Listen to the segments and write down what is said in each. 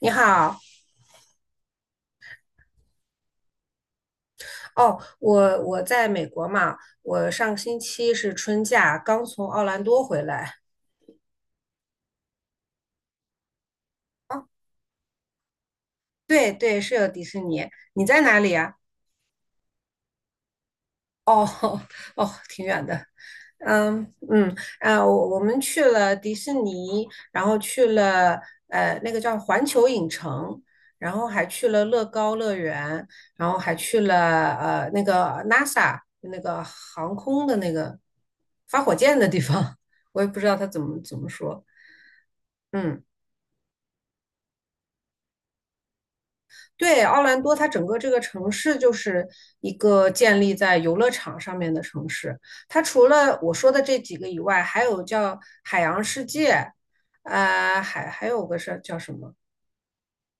你好，哦，我在美国嘛，我上星期是春假，刚从奥兰多回来。哦，对对，是有迪士尼。你在哪里啊？哦 哦，挺远的。嗯嗯啊，我们去了迪士尼，然后去了那个叫环球影城，然后还去了乐高乐园，然后还去了那个 NASA 那个航空的那个发火箭的地方，我也不知道他怎么说。嗯。对，奥兰多它整个这个城市就是一个建立在游乐场上面的城市。它除了我说的这几个以外，还有叫海洋世界，还有个是叫什么？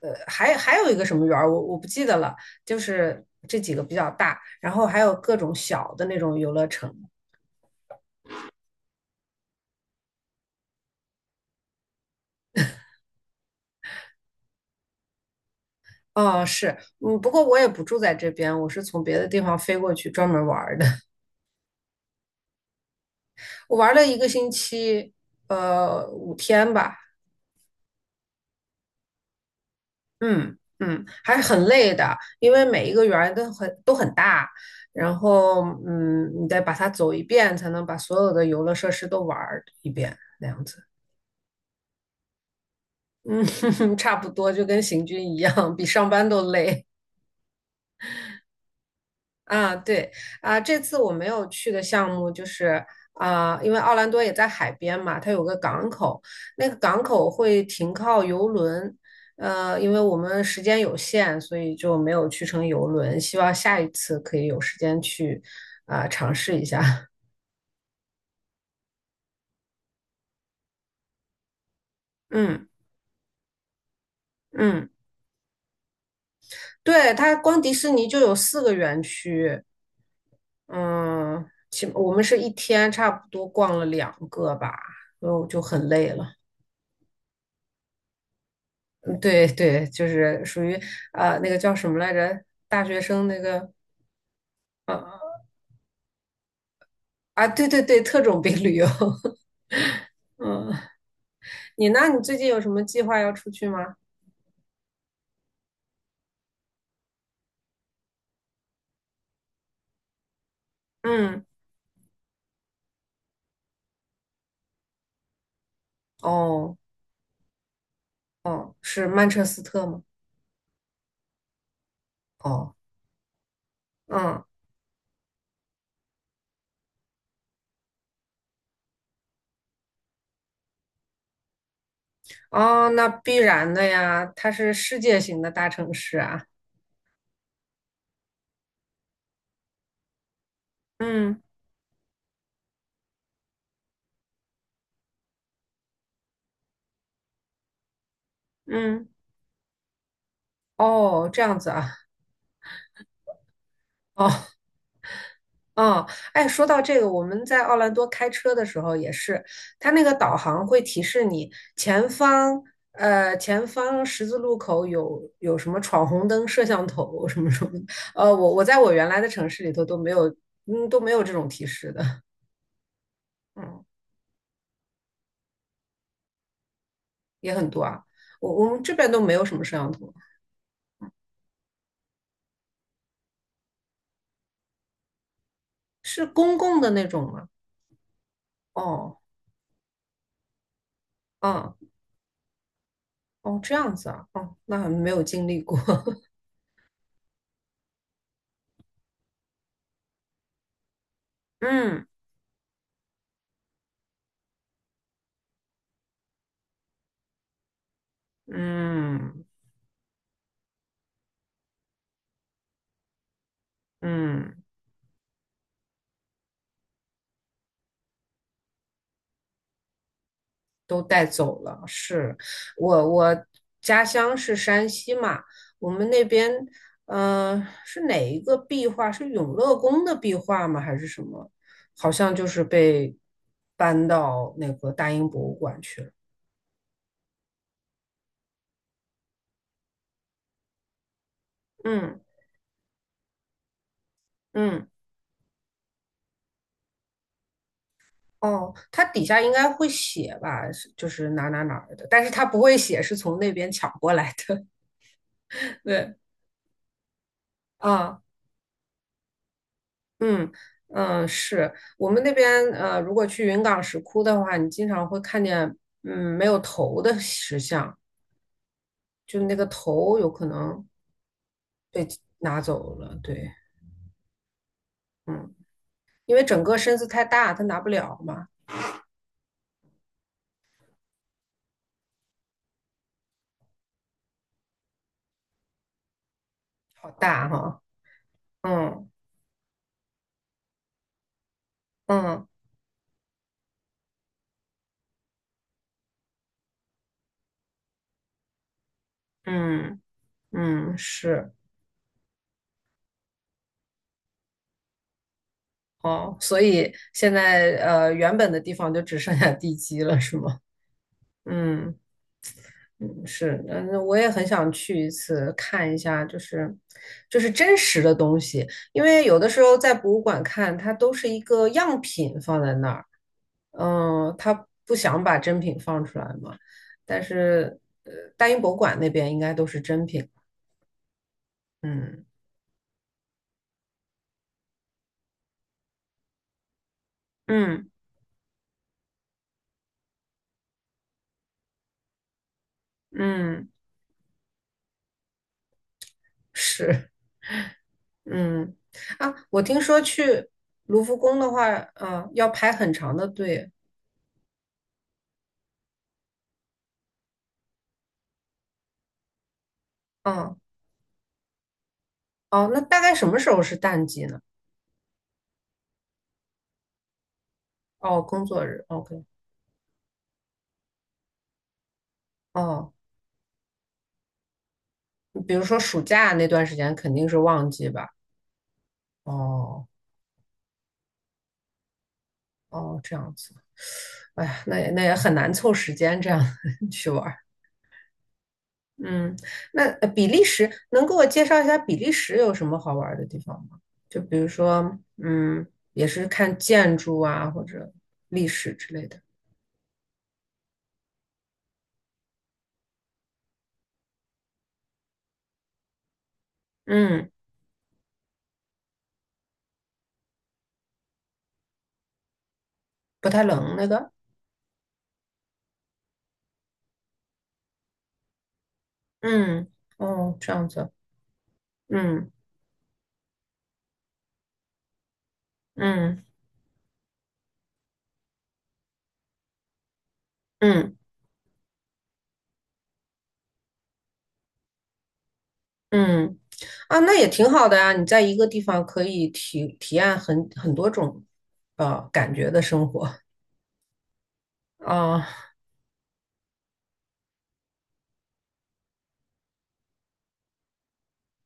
还有一个什么园儿，我不记得了。就是这几个比较大，然后还有各种小的那种游乐城。哦，是，嗯，不过我也不住在这边，我是从别的地方飞过去专门玩儿的。我玩了1个星期，5天吧。嗯嗯，还是很累的，因为每一个园儿都很大，然后你得把它走一遍，才能把所有的游乐设施都玩儿一遍，那样子，嗯，差不多就跟行军一样，比上班都累。啊，对啊，这次我没有去的项目就是啊，因为奥兰多也在海边嘛，它有个港口，那个港口会停靠游轮，因为我们时间有限，所以就没有去成游轮，希望下一次可以有时间去啊，尝试一下。嗯嗯，对，它光迪士尼就有4个园区，嗯，起我们是一天差不多逛了两个吧，所以我就很累了。对对，就是属于啊、那个叫什么来着？大学生那个啊啊，对对对，特种兵旅游。嗯，那你最近有什么计划要出去吗？嗯，哦哦，是曼彻斯特吗？哦，嗯哦，那必然的呀，它是世界型的大城市啊。嗯嗯，哦，这样子啊。哦，嗯，哎，说到这个，我们在奥兰多开车的时候也是，它那个导航会提示你前方，前方十字路口有什么闯红灯、摄像头什么什么的。我在我原来的城市里头都没有，嗯，都没有这种提示的，嗯，也很多啊。我们这边都没有什么摄像头，是公共的那种吗？哦，嗯，哦，这样子啊，哦，那没有经历过，嗯嗯嗯。都带走了。是我家乡是山西嘛，我们那边是哪一个壁画？是永乐宫的壁画吗？还是什么？好像就是被搬到那个大英博物馆去了。嗯嗯。哦，它底下应该会写吧，是就是哪儿的，但是它不会写是从那边抢过来的。对，啊、嗯嗯，是我们那边如果去云冈石窟的话，你经常会看见没有头的石像，就那个头有可能被拿走了。对，嗯，因为整个身子太大，他拿不了嘛，好大哈。嗯嗯嗯嗯，是哦，所以现在原本的地方就只剩下地基了，是吗？嗯。嗯，是，嗯，我也很想去一次看一下，就是真实的东西，因为有的时候在博物馆看，它都是一个样品放在那儿，他不想把真品放出来嘛，但是大英博物馆那边应该都是真品，嗯嗯嗯，是，嗯啊，我听说去卢浮宫的话，要排很长的队，嗯哦，那大概什么时候是淡季呢？哦，工作日，OK。哦，比如说暑假那段时间肯定是旺季吧？哦哦，这样子，哎呀，那也很难凑时间这样 去玩儿。嗯，那比利时能给我介绍一下比利时有什么好玩儿的地方吗？就比如说，也是看建筑啊或者历史之类的。嗯，不太冷那个。嗯，哦，这样子。嗯嗯嗯。嗯，啊，那也挺好的呀，你在一个地方可以体验很多种感觉的生活啊，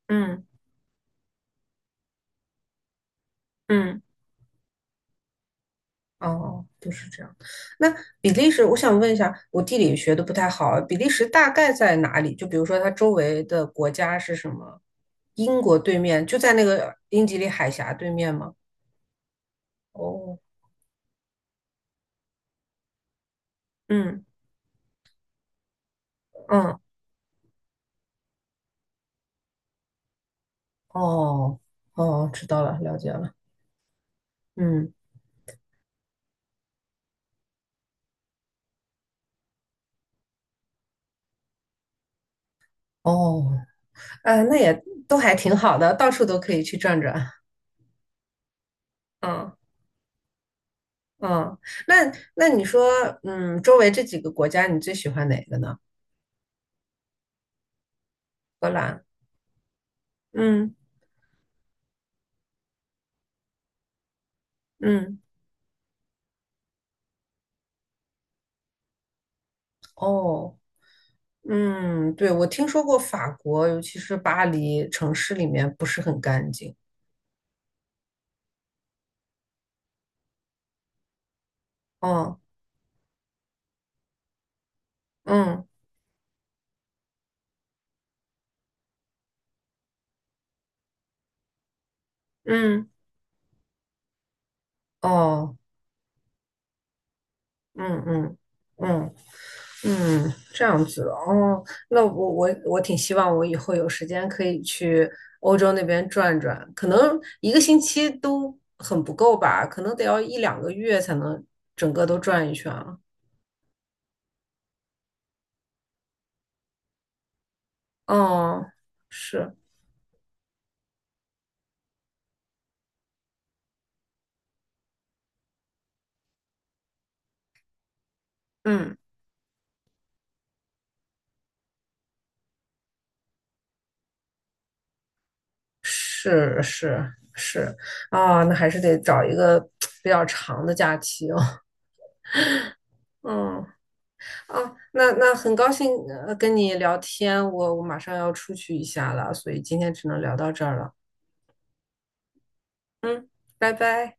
嗯嗯，哦，就是这样。那比利时，我想问一下，我地理学的不太好啊，比利时大概在哪里？就比如说它周围的国家是什么？英国对面，就在那个英吉利海峡对面吗？哦，嗯嗯，哦哦，知道了，了解了，嗯，哦。那也都还挺好的，到处都可以去转转。嗯嗯，那你说，周围这几个国家，你最喜欢哪个呢？荷兰，嗯嗯，哦，嗯，对，我听说过法国，尤其是巴黎城市里面不是很干净。哦，嗯嗯，哦，嗯嗯嗯。嗯，这样子哦，那我挺希望我以后有时间可以去欧洲那边转转，可能一个星期都很不够吧，可能得要1、2个月才能整个都转一圈啊。哦，是，嗯，是是是，啊，那还是得找一个比较长的假期哦。嗯，啊，那很高兴跟你聊天，我马上要出去一下了，所以今天只能聊到这儿了。嗯，拜拜。